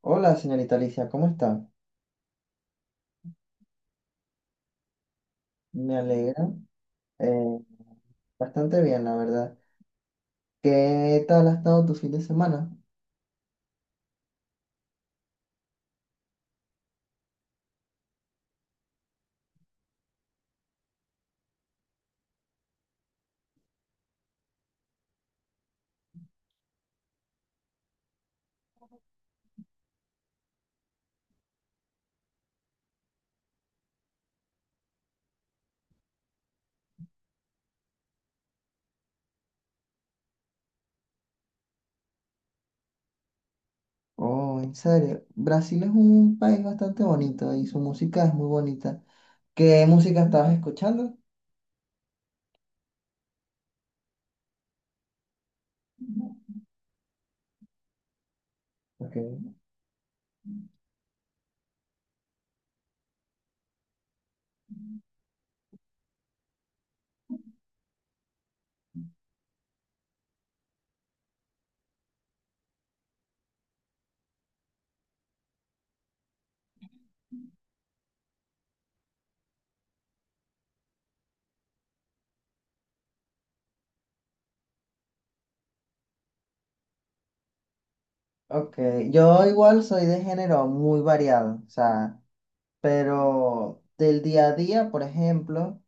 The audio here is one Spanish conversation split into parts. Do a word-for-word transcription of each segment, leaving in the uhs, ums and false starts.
Hola, señorita Alicia, ¿cómo está? Me alegra. eh, Bastante bien, la verdad. ¿Qué tal ha estado tu fin de semana? Oh, ¿en serio? Brasil es un país bastante bonito y su música es muy bonita. ¿Qué música estabas escuchando? Ok. Ok, yo igual soy de género muy variado, o sea, pero del día a día, por ejemplo.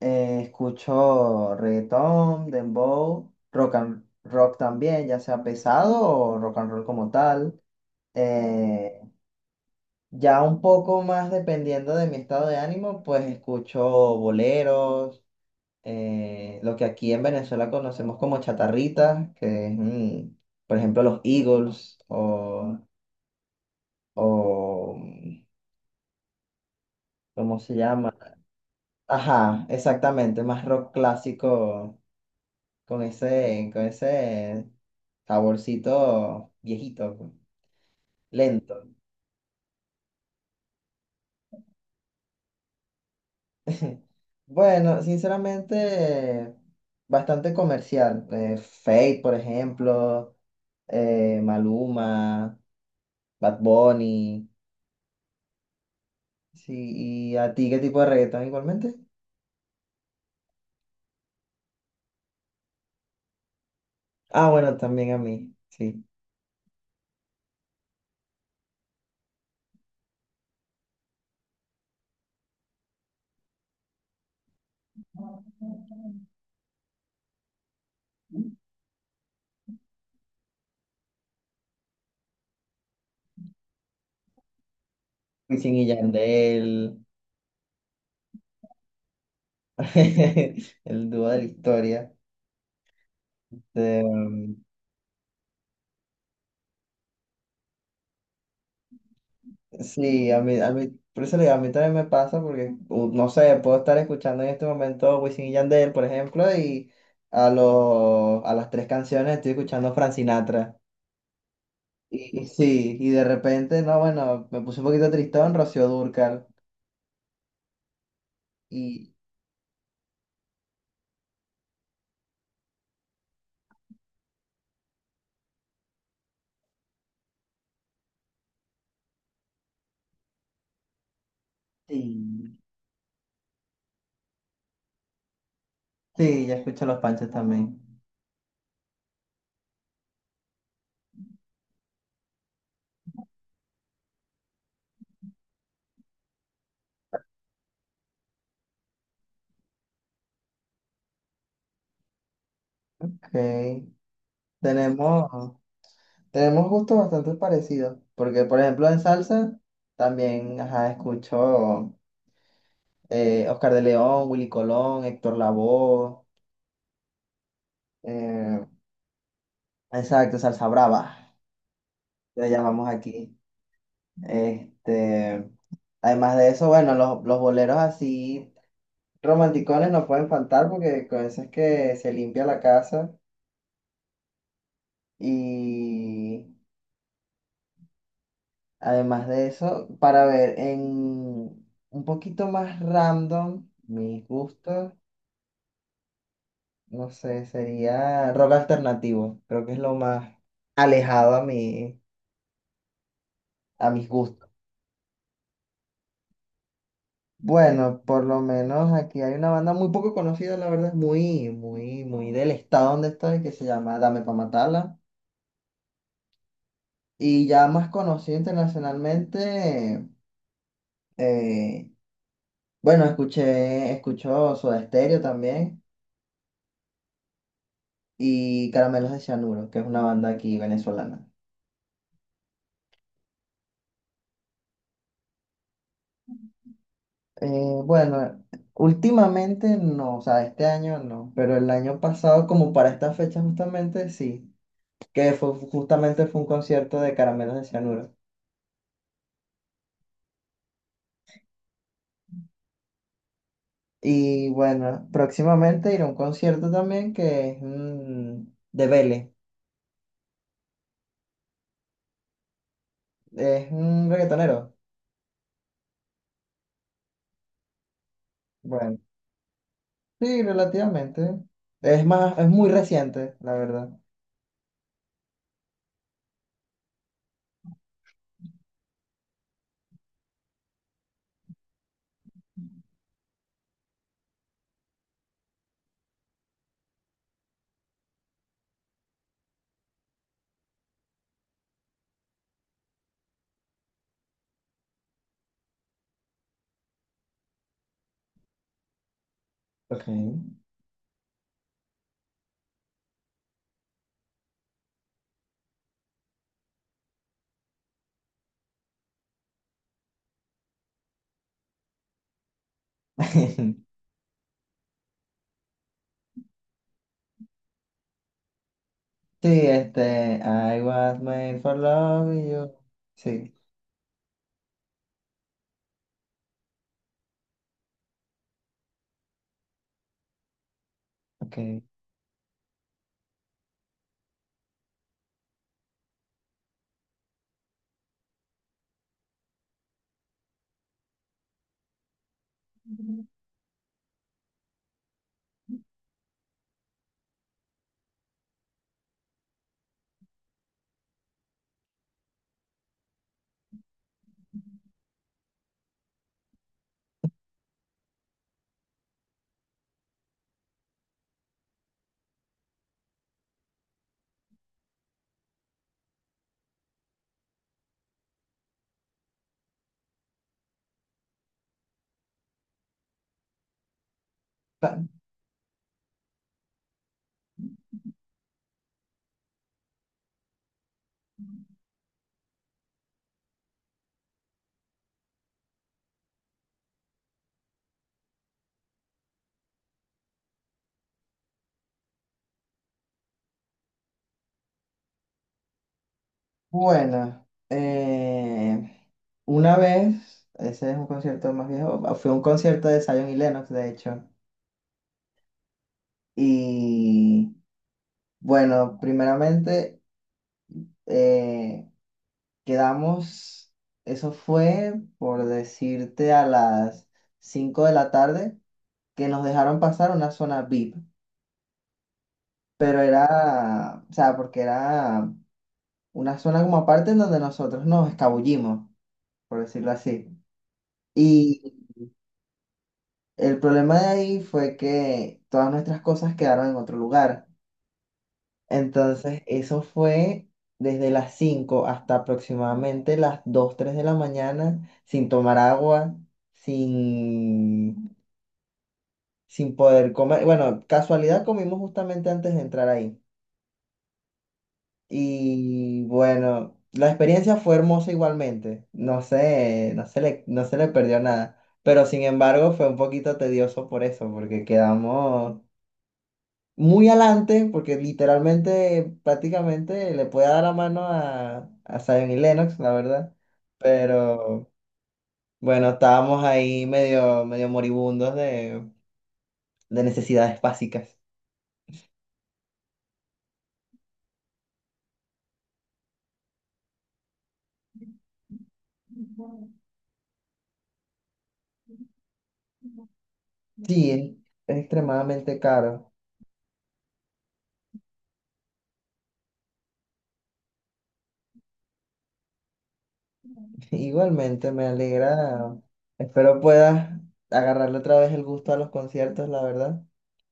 Eh, escucho reggaetón, dembow, rock and rock también, ya sea pesado o rock and roll como tal. Eh, ya un poco más dependiendo de mi estado de ánimo, pues escucho boleros, eh, lo que aquí en Venezuela conocemos como chatarritas, que es, mm, por ejemplo, los Eagles o, o, ¿cómo se llama? Ajá, exactamente, más rock clásico. con ese, con ese saborcito viejito, pues, lento. Bueno, sinceramente, bastante comercial. Eh, Fate, por ejemplo, eh, Maluma, Bad Bunny. Sí, ¿y a ti qué tipo de reggaetón igualmente? Ah, bueno, también a mí, sí. Wisin y Yandel, el dúo de la historia. Sí, a mí, a mí, por eso le digo, a mí también me pasa porque, u- no sé, puedo estar escuchando en este momento Wisin y Yandel, por ejemplo, y a, los a las tres canciones estoy escuchando Frank Sinatra. Y, y sí, y de repente, no, bueno, me puse un poquito tristón, Rocío Dúrcal. Y sí, sí, ya escucho Los Panchos también. Ok, tenemos, tenemos gustos bastante parecidos, porque, por ejemplo, en salsa también, ajá, escucho. eh, Oscar de León, Willy Colón, Héctor Lavoe, eh, exacto, Salsa Brava, lo llamamos aquí. Este, además de eso, bueno, los, los boleros así romanticones no pueden faltar porque con eso es que se limpia la casa. Y además de eso, para ver en un poquito más random, mis gustos, no sé, sería rock alternativo, creo que es lo más alejado a mi, a mis gustos. Bueno, por lo menos aquí hay una banda muy poco conocida, la verdad, muy, muy, muy del estado donde estoy, que se llama Dame Pa' Matarla. Y ya más conocida internacionalmente, eh, bueno, escuché, escuchó Soda Stereo también y Caramelos de Cianuro, que es una banda aquí venezolana. Eh, bueno, últimamente no, o sea, este año no, pero el año pasado, como para esta fecha justamente, sí, que fue, justamente fue un concierto de Caramelos de Cianuro. Y bueno, próximamente iré a un concierto también que es mm, de Vélez. Es un reggaetonero. Bueno, sí, relativamente. Es más, es muy reciente, la verdad. Ok. Sí, este, I was made for love you. Sí, ok. Pa- Bueno, eh, una vez, ese es un concierto más viejo, ah, fue un concierto de Zion y Lennox, de hecho. Y bueno, primeramente. eh, Quedamos, eso fue por decirte a las cinco de la tarde, que nos dejaron pasar una zona VIP, pero era, o sea, porque era una zona como aparte en donde nosotros nos escabullimos, por decirlo así. Y el problema de ahí fue que todas nuestras cosas quedaron en otro lugar. Entonces, eso fue desde las cinco hasta aproximadamente las dos tres de la mañana, sin tomar agua, sin, sin poder comer. Bueno, casualidad comimos justamente antes de entrar ahí. Y bueno, la experiencia fue hermosa igualmente. No sé, no se le, no se le perdió nada. Pero sin embargo, fue un poquito tedioso por eso, porque quedamos muy adelante, porque literalmente, prácticamente le puede dar la mano a, a Zion y Lennox, la verdad. Pero bueno, estábamos ahí medio, medio moribundos de, de necesidades básicas. Sí, es extremadamente caro. Igualmente, me alegra. Espero puedas agarrarle otra vez el gusto a los conciertos, la verdad,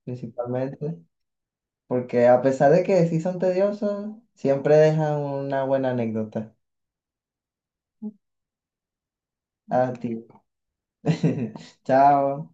principalmente. Porque a pesar de que sí son tediosos, siempre dejan una buena anécdota. A ti. Chao.